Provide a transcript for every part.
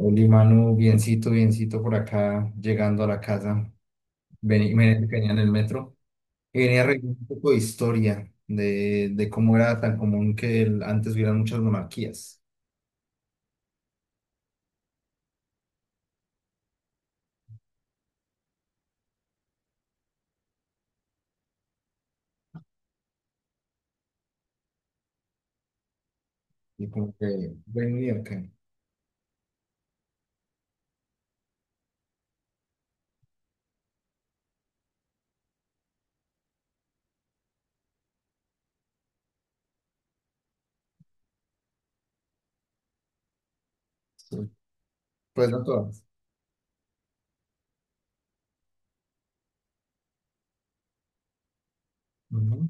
Oli, Manu, biencito, biencito por acá, llegando a la casa. Venía, venía en el metro y venía revisando un poco de historia de cómo era tan común que antes hubieran muchas monarquías. Y como que, venía acá. Pues no todas. Ujú,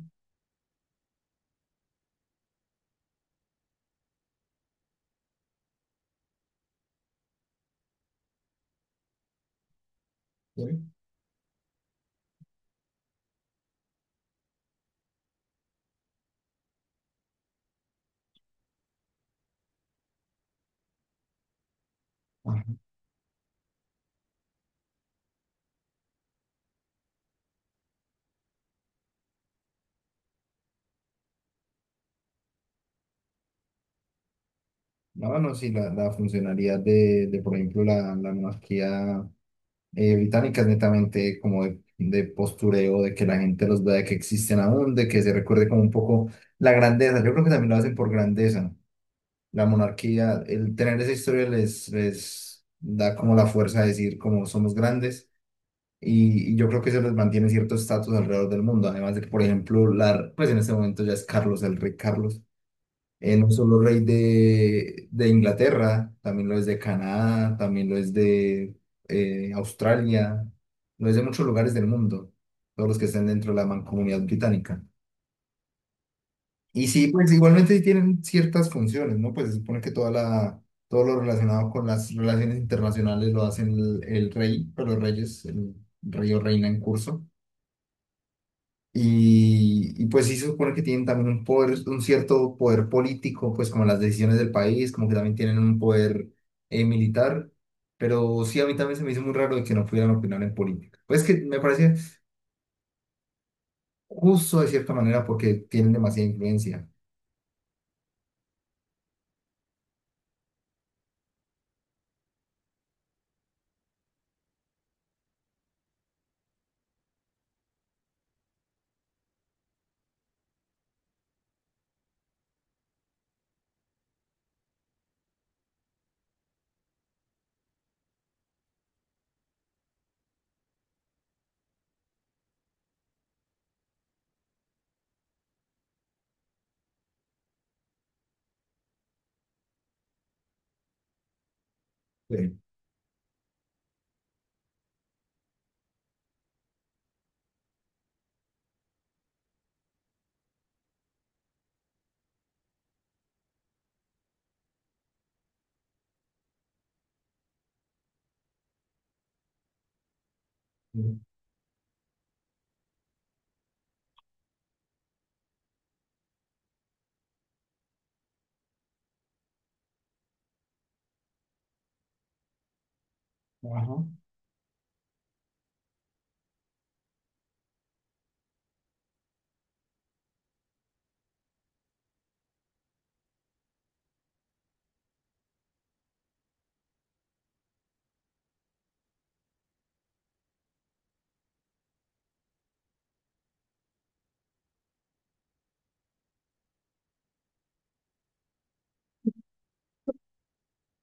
sí. Ajá. No, no, sí, la funcionalidad por ejemplo, la monarquía, británicas, netamente como de postureo, de que la gente los vea, de que existen aún, de que se recuerde como un poco la grandeza. Yo creo que también lo hacen por grandeza. La monarquía, el tener esa historia les da como la fuerza de decir como somos grandes. Y yo creo que eso les mantiene cierto estatus alrededor del mundo. Además de que, por ejemplo, la, pues en este momento ya es Carlos, el rey Carlos, no solo rey de Inglaterra, también lo es de Canadá, también lo es de Australia, lo es de muchos lugares del mundo, todos los que estén dentro de la mancomunidad británica. Y sí, pues igualmente sí tienen ciertas funciones, ¿no? Pues se supone que toda la, todo lo relacionado con las relaciones internacionales lo hacen el rey, pero los reyes, el rey o reina en curso. Y pues sí se supone que tienen también un poder, un cierto poder político, pues como las decisiones del país, como que también tienen un poder militar, pero sí a mí también se me hizo muy raro de que no pudieran opinar en política. Pues que me parece justo de cierta manera porque tienen demasiada influencia. Sí. Ajá.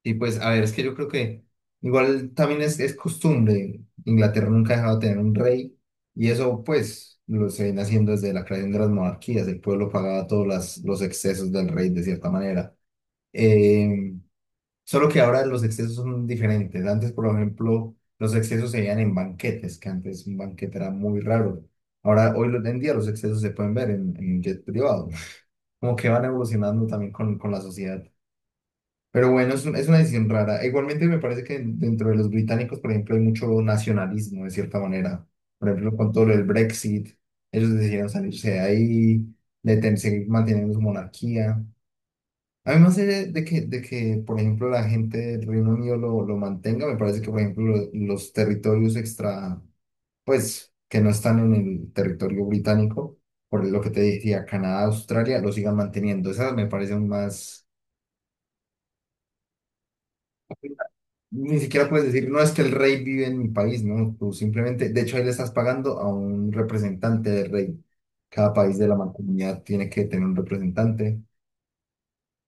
Y pues, a ver, es que yo creo que igual también es costumbre. Inglaterra nunca ha dejado de tener un rey y eso pues lo se viene haciendo desde la creación de las monarquías. El pueblo pagaba todos los excesos del rey de cierta manera. Eh, solo que ahora los excesos son diferentes. Antes, por ejemplo, los excesos se veían en banquetes, que antes un banquete era muy raro. Ahora, hoy en día los excesos se pueden ver en jet privado. Como que van evolucionando también con la sociedad. Pero bueno, es una decisión rara. Igualmente me parece que dentro de los británicos, por ejemplo, hay mucho nacionalismo de cierta manera. Por ejemplo, con todo lo del Brexit, ellos decidieron salirse de ahí, de seguir manteniendo su monarquía. A mí me hace de que, por ejemplo, la gente del Reino Unido lo mantenga. Me parece que, por ejemplo, los territorios extra, pues, que no están en el territorio británico, por lo que te decía, Canadá, Australia, lo sigan manteniendo. Esa me parece aún más... Ni siquiera puedes decir, no es que el rey vive en mi país, no, tú simplemente, de hecho ahí le estás pagando a un representante del rey. Cada país de la mancomunidad tiene que tener un representante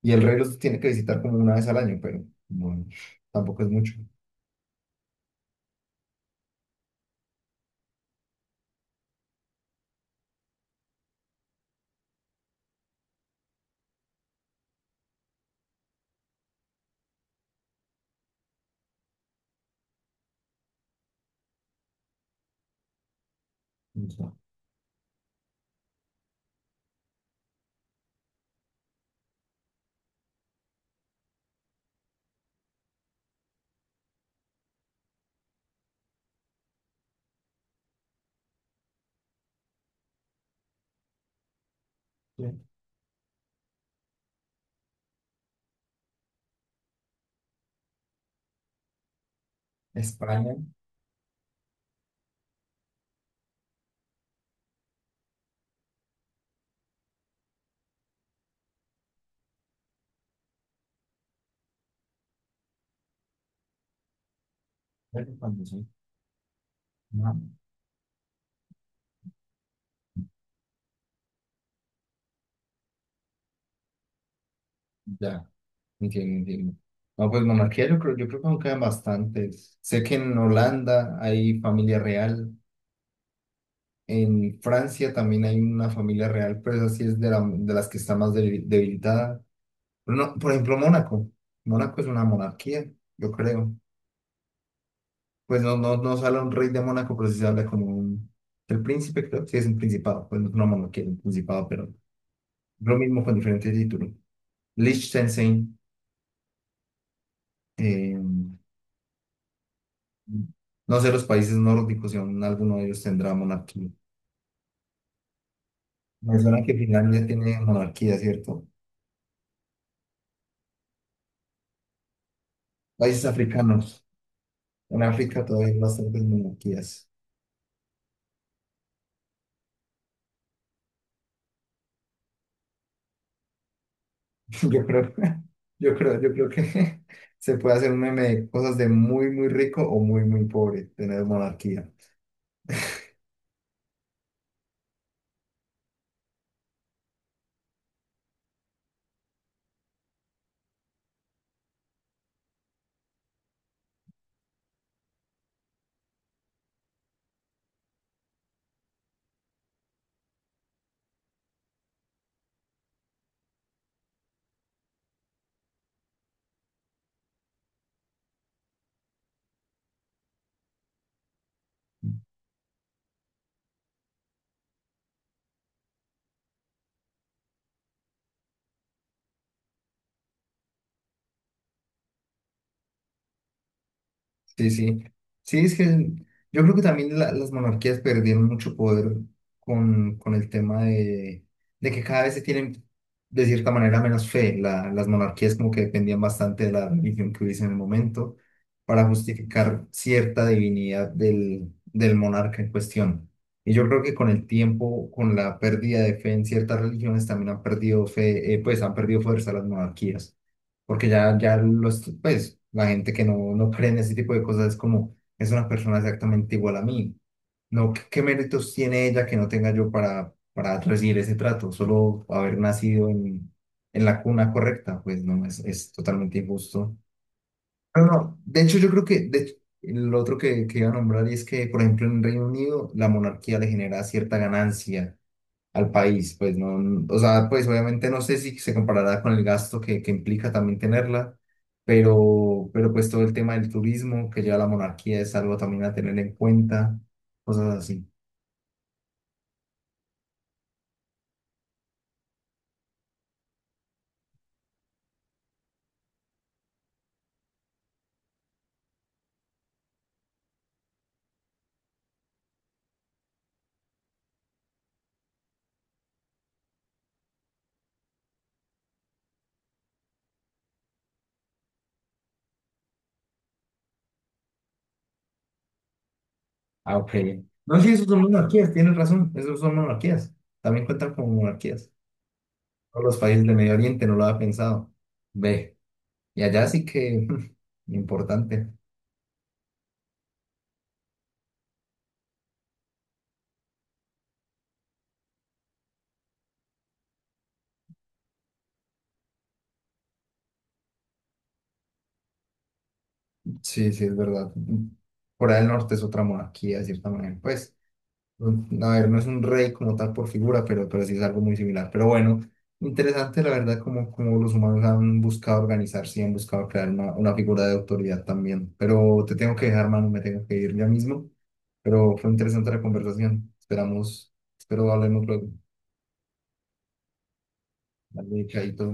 y el rey los tiene que visitar como una vez al año, pero no, tampoco es mucho. O sea, que España, pero cuando sí, no, ya, entiendo, entiendo. No, pues monarquía yo creo que aún quedan bastantes. Sé que en Holanda hay familia real. En Francia también hay una familia real, pero esa sí es de, de las que está más debilitada. Pero no, por ejemplo, Mónaco. Mónaco es una monarquía, yo creo. Pues no sale un rey de Mónaco, pero sí se habla como un... El príncipe, creo, sí es un principado. Pues no es una monarquía, es un principado, pero lo mismo con diferentes títulos. Liechtenstein, eh, no sé, los países nórdicos, si aún alguno de ellos tendrá monarquía. Me suena que Finlandia tiene monarquía, ¿cierto? Países africanos. En África todavía hay bastantes monarquías. Yo creo, yo creo, yo creo que se puede hacer un meme de cosas de muy, muy rico o muy, muy pobre, tener monarquía. Sí, sí. Sí, es que yo creo que también las monarquías perdieron mucho poder con el tema de que cada vez se tienen, de cierta manera, menos fe. Las monarquías como que dependían bastante de la religión que hubiese en el momento para justificar cierta divinidad del monarca en cuestión. Y yo creo que con el tiempo, con la pérdida de fe en ciertas religiones, también han perdido fe, pues han perdido fuerza las monarquías porque ya los, pues, la gente que no cree en ese tipo de cosas es como, es una persona exactamente igual a mí. No, qué méritos tiene ella que no tenga yo para recibir ese trato? Solo haber nacido en la cuna correcta, pues no, es totalmente injusto. Pero no, de hecho yo creo que de hecho, el otro que iba a nombrar es que, por ejemplo, en Reino Unido la monarquía le genera cierta ganancia al país, pues no, o sea, pues obviamente no sé si se comparará con el gasto que implica también tenerla, pero pues todo el tema del turismo que lleva la monarquía es algo también a tener en cuenta, cosas así. Ah, ok. No, sí, esos son monarquías, tienes razón, esos son monarquías, también cuentan como monarquías. Todos los países del Medio Oriente no lo había pensado. Ve, y allá sí que importante. Sí, sí, es verdad. Corea del Norte es otra monarquía, de cierta manera, pues un- a ver, no es un rey como tal por figura, pero sí es algo muy similar. Pero bueno, interesante la verdad como, como los humanos han buscado organizarse y han buscado crear una figura de autoridad también. Pero te tengo que dejar, mano, me tengo que ir ya mismo. Pero fue interesante la conversación. Esperamos, espero hablemos luego. Dale, chaito.